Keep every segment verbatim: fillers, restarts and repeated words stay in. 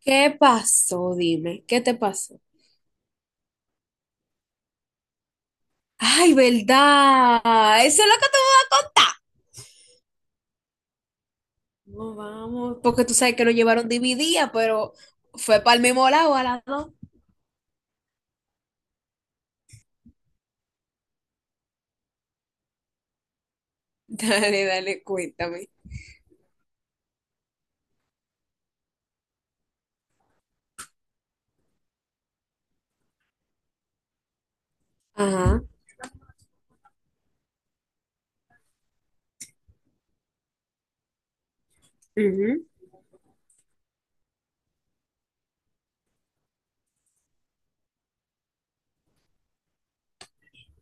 ¿Qué pasó? Dime, ¿qué te pasó? Ay, ¿verdad? Eso es lo que te voy a contar. No, vamos, porque tú sabes que lo llevaron dividida, pero fue para el mismo lado a las dos. Dale, dale, cuéntame. Ajá. Ujú.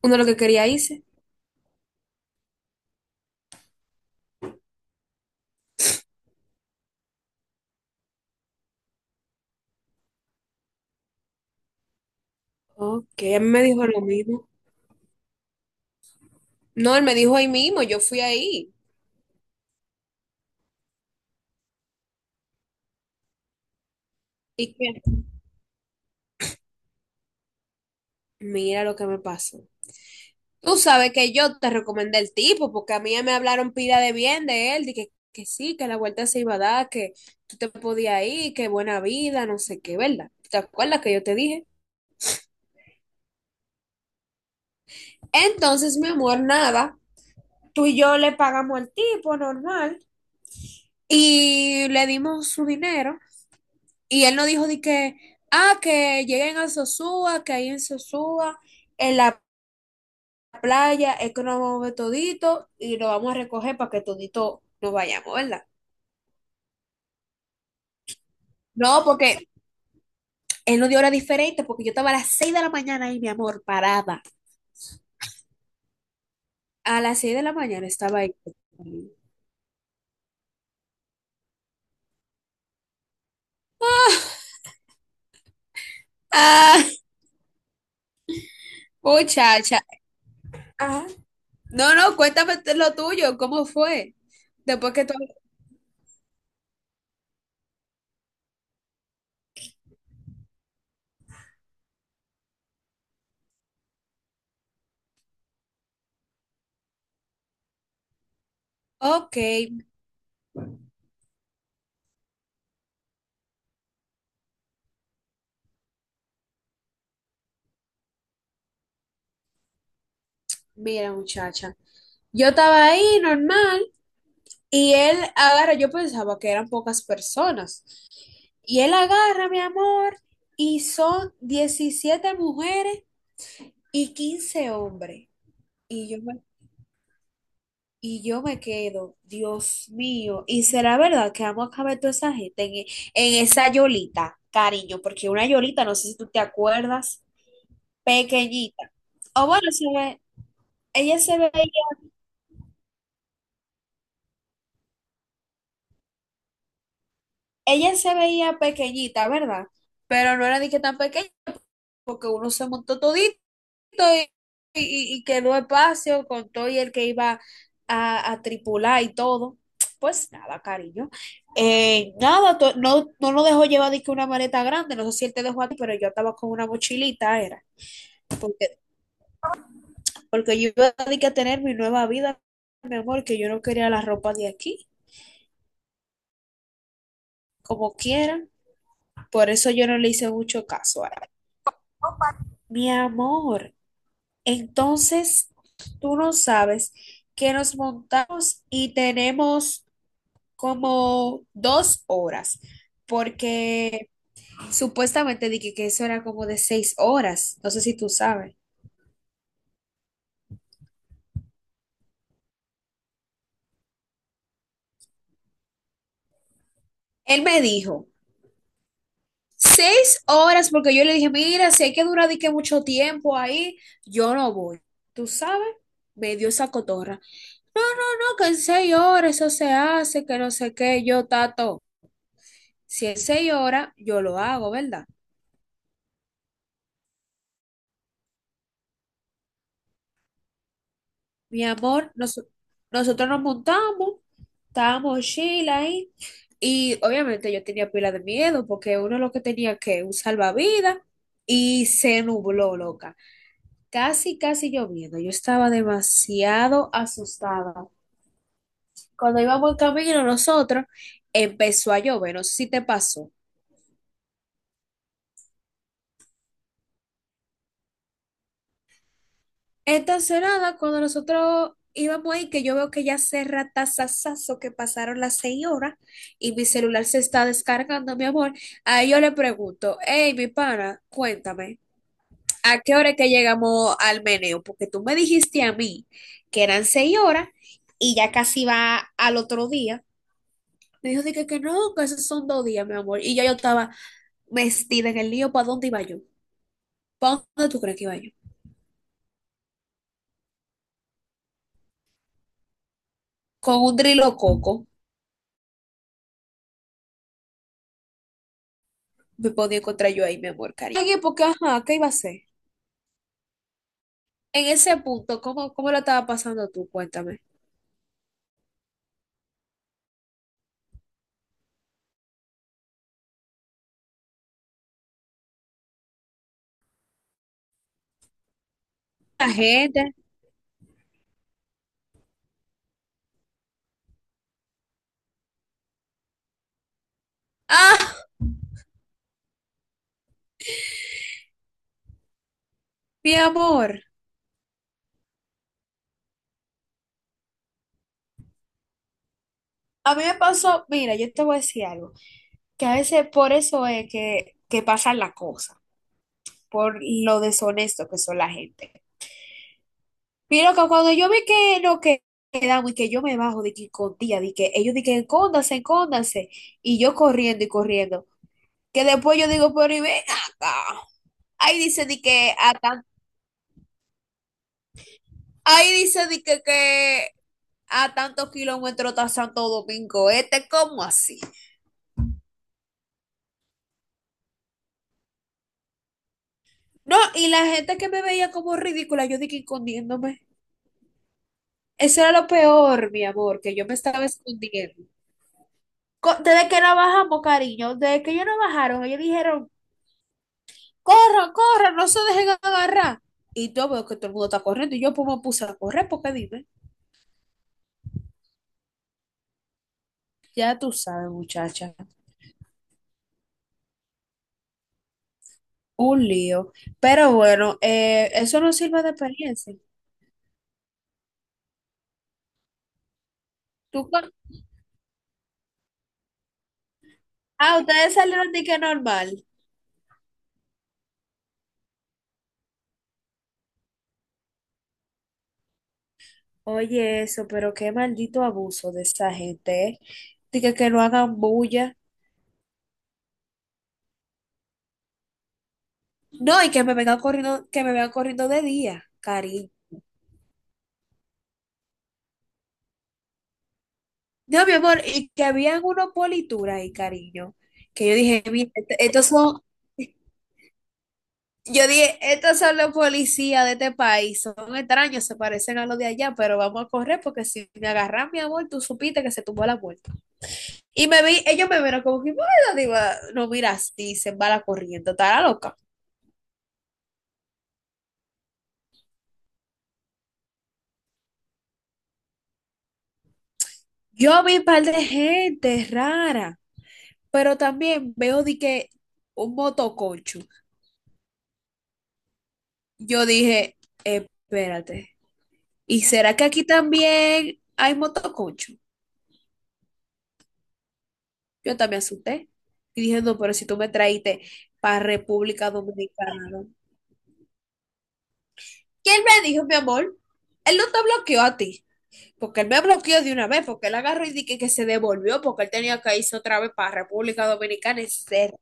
Uno lo que quería hice. Ok, él me dijo lo mismo. No, él me dijo ahí mismo, yo fui ahí. ¿Y qué? Mira lo que me pasó. Tú sabes que yo te recomendé el tipo, porque a mí me hablaron pila de bien de él, de que, que sí, que la vuelta se iba a dar, que tú te podías ir, que buena vida, no sé qué, ¿verdad? ¿Te acuerdas que yo te dije? Entonces, mi amor, nada, tú y yo le pagamos al tipo normal y le dimos su dinero y él nos dijo de que, ah, que lleguen a Sosúa, que ahí en Sosúa, en la playa, es que nos vamos a ver todito y lo vamos a recoger para que todito nos vayamos, ¿verdad? No, porque en una hora diferente, porque yo estaba a las seis de la mañana ahí, mi amor, parada. A las seis de la mañana estaba ahí. Ah, muchacha. Ah, no, no, cuéntame lo tuyo, ¿cómo fue? Después que tú... Ok, mira, muchacha. Yo estaba ahí normal y él agarra, yo pensaba que eran pocas personas. Y él agarra, mi amor, y son diecisiete mujeres y quince hombres. Y yo Y yo me quedo, Dios mío, y será verdad que vamos a caber toda esa gente en, e- en esa yolita, cariño, porque una yolita, no sé si tú te acuerdas, pequeñita. O bueno, se ve- Ella se veía, ella se veía pequeñita, ¿verdad? Pero no era ni que tan pequeña, porque uno se montó todito. y, y, y quedó espacio con todo y el que iba a, a tripular y todo. Pues nada, cariño. Eh, nada, to- no, no nos dejó llevar de que una maleta grande, no sé si él te dejó a ti, pero yo estaba con una mochilita, era, porque, porque yo iba a de que a tener mi nueva vida, mi amor, que yo no quería la ropa de aquí, como quieran, por eso yo no le hice mucho caso a él. Mi amor, entonces tú no sabes que nos montamos y tenemos como dos horas, porque supuestamente dije que eso era como de seis horas, no sé si tú sabes. Él me dijo, seis horas, porque yo le dije, mira, si hay que durar de que mucho tiempo ahí, yo no voy. ¿Tú sabes? Me dio esa cotorra. No, no, no, que en seis horas eso se hace, que no sé qué, yo tato. Si es seis horas, yo lo hago, ¿verdad? Mi amor, nos- nosotros nos montamos, estábamos Sheila ahí, y obviamente yo tenía pila de miedo porque uno lo que tenía que un salvavidas y se nubló, loca. Casi, casi lloviendo. Yo estaba demasiado asustada. Cuando íbamos en camino nosotros, empezó a llover, no sé si te pasó. Estacionada, cuando nosotros íbamos ahí, que yo veo que ya se ratazazazo que pasaron las seis horas y mi celular se está descargando, mi amor. Ahí yo le pregunto, hey, mi pana, cuéntame, ¿a qué hora es que llegamos al meneo? Porque tú me dijiste a mí que eran seis horas y ya casi va al otro día. Me dijo, dije que no, que esos son dos días, mi amor. Y yo, yo estaba vestida en el lío, ¿para dónde iba yo? ¿Para dónde tú crees que iba yo? Con un drilo coco. Me podía encontrar yo ahí, mi amor, cariño. En época, ajá, ¿qué iba a hacer? En ese punto, ¿cómo, cómo la estaba pasando tú? Cuéntame. La gente. Ah, mi amor. A mí me pasó, mira, yo te voy a decir algo, que a veces por eso es que, que pasan las cosas, por lo deshonesto que son la gente. Mira que cuando yo vi que no que- quedamos y que yo me bajo de que con tía, de que ellos de que escóndanse, escóndanse, y yo corriendo y corriendo, que después yo digo, pero y ven acá. Ahí dice de que acá Ahí dice di que, que a tantos kilómetros está Santo Domingo Este, ¿cómo así? No, y la gente que me veía como ridícula, yo dije escondiéndome. Eso era lo peor, mi amor, que yo me estaba escondiendo. Co- Desde que no bajamos, cariño, desde que ellos no bajaron, ellos dijeron, corran, corran, no se dejen agarrar. Y yo veo que todo el mundo está corriendo y yo pues me puse a correr, porque dime, ya tú sabes, muchacha, un lío. Pero bueno, eh, eso no sirve de experiencia. ¿Tú, cu- Ah, ustedes salieron de que normal. Oye, eso, pero qué maldito abuso de esa gente, ¿eh? De que, que no hagan bulla. No, y que me vengan corriendo, que me vengan corriendo de día, cariño. No, mi amor, y que habían unos polituras ahí, cariño. Que yo dije, mira, est- estos son, yo dije, estos son los policías de este país, son extraños, se parecen a los de allá, pero vamos a correr porque si me agarran, mi amor, tú supiste que se tumbó la puerta. Y me vi, ellos me vieron como que, bueno, digo, no mira así, se va la corriente, está la loca. Yo vi un par de gente rara, pero también veo de que un motoconcho. Yo dije, espérate, ¿y será que aquí también hay motoconcho? Yo también asusté y dije, no, pero si tú me traíste para República Dominicana, ¿no? ¿Quién me dijo, mi amor? Él no te bloqueó a ti. Porque él me bloqueó de una vez, porque él agarró y dije que se devolvió, porque él tenía que irse otra vez para República Dominicana y se-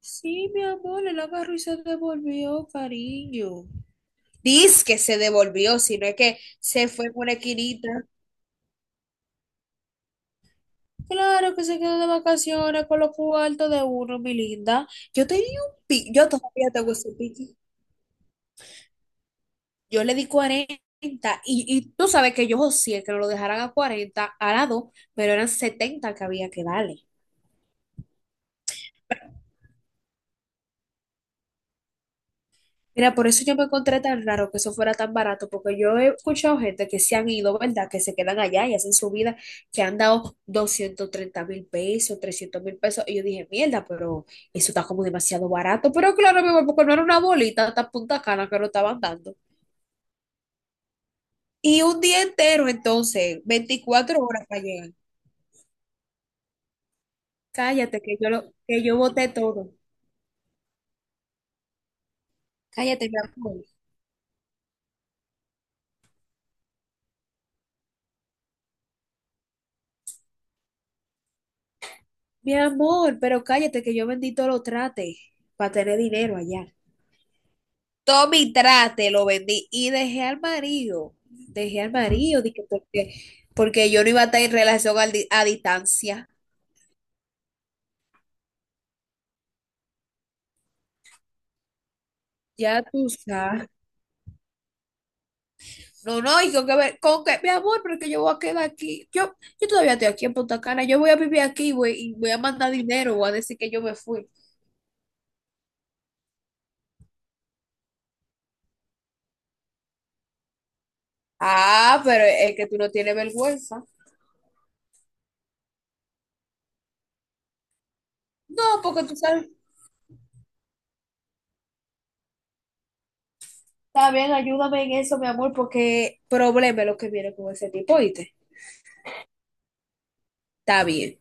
Sí, mi amor, él agarró y se devolvió, cariño. Dice que se devolvió, sino es que se fue por una esquinita. Claro que se quedó de vacaciones con los cuartos de uno, mi linda. Yo tenía un pique, yo todavía tengo ese pique. Yo le di cuarenta y, y tú sabes que yo sí que no lo dejaran a cuarenta a la dos, pero eran setenta que había que darle. Mira, por eso yo me encontré tan raro que eso fuera tan barato, porque yo he escuchado gente que se han ido, ¿verdad? Que se quedan allá y hacen su vida, que han dado doscientos treinta mil pesos, trescientos mil pesos. Y yo dije, mierda, pero eso está como demasiado barato. Pero claro, mi amor, porque no era una bolita tan punta cana que lo estaban dando. Y un día entero, entonces, veinticuatro horas para llegar. Cállate, que yo lo, que yo boté todo. Cállate, mi amor. Mi amor, pero cállate, que yo vendí todo lo trate para tener dinero allá. Todo mi trate lo vendí y dejé al marido, dejé al marido, dije, porque, porque yo no iba a estar en relación al di- a, distancia. Ya tú sabes. No, no, y con que ver, con que, mi amor, pero es que yo voy a quedar aquí. Yo, yo todavía estoy aquí en Punta Cana, yo voy a vivir aquí, güey, y voy a mandar dinero, voy a decir que yo me fui. Ah, pero es que tú no tienes vergüenza. No, porque tú sabes, está bien, ayúdame en eso, mi amor, porque problema es lo que viene con ese tipo, ¿oíste? Está bien.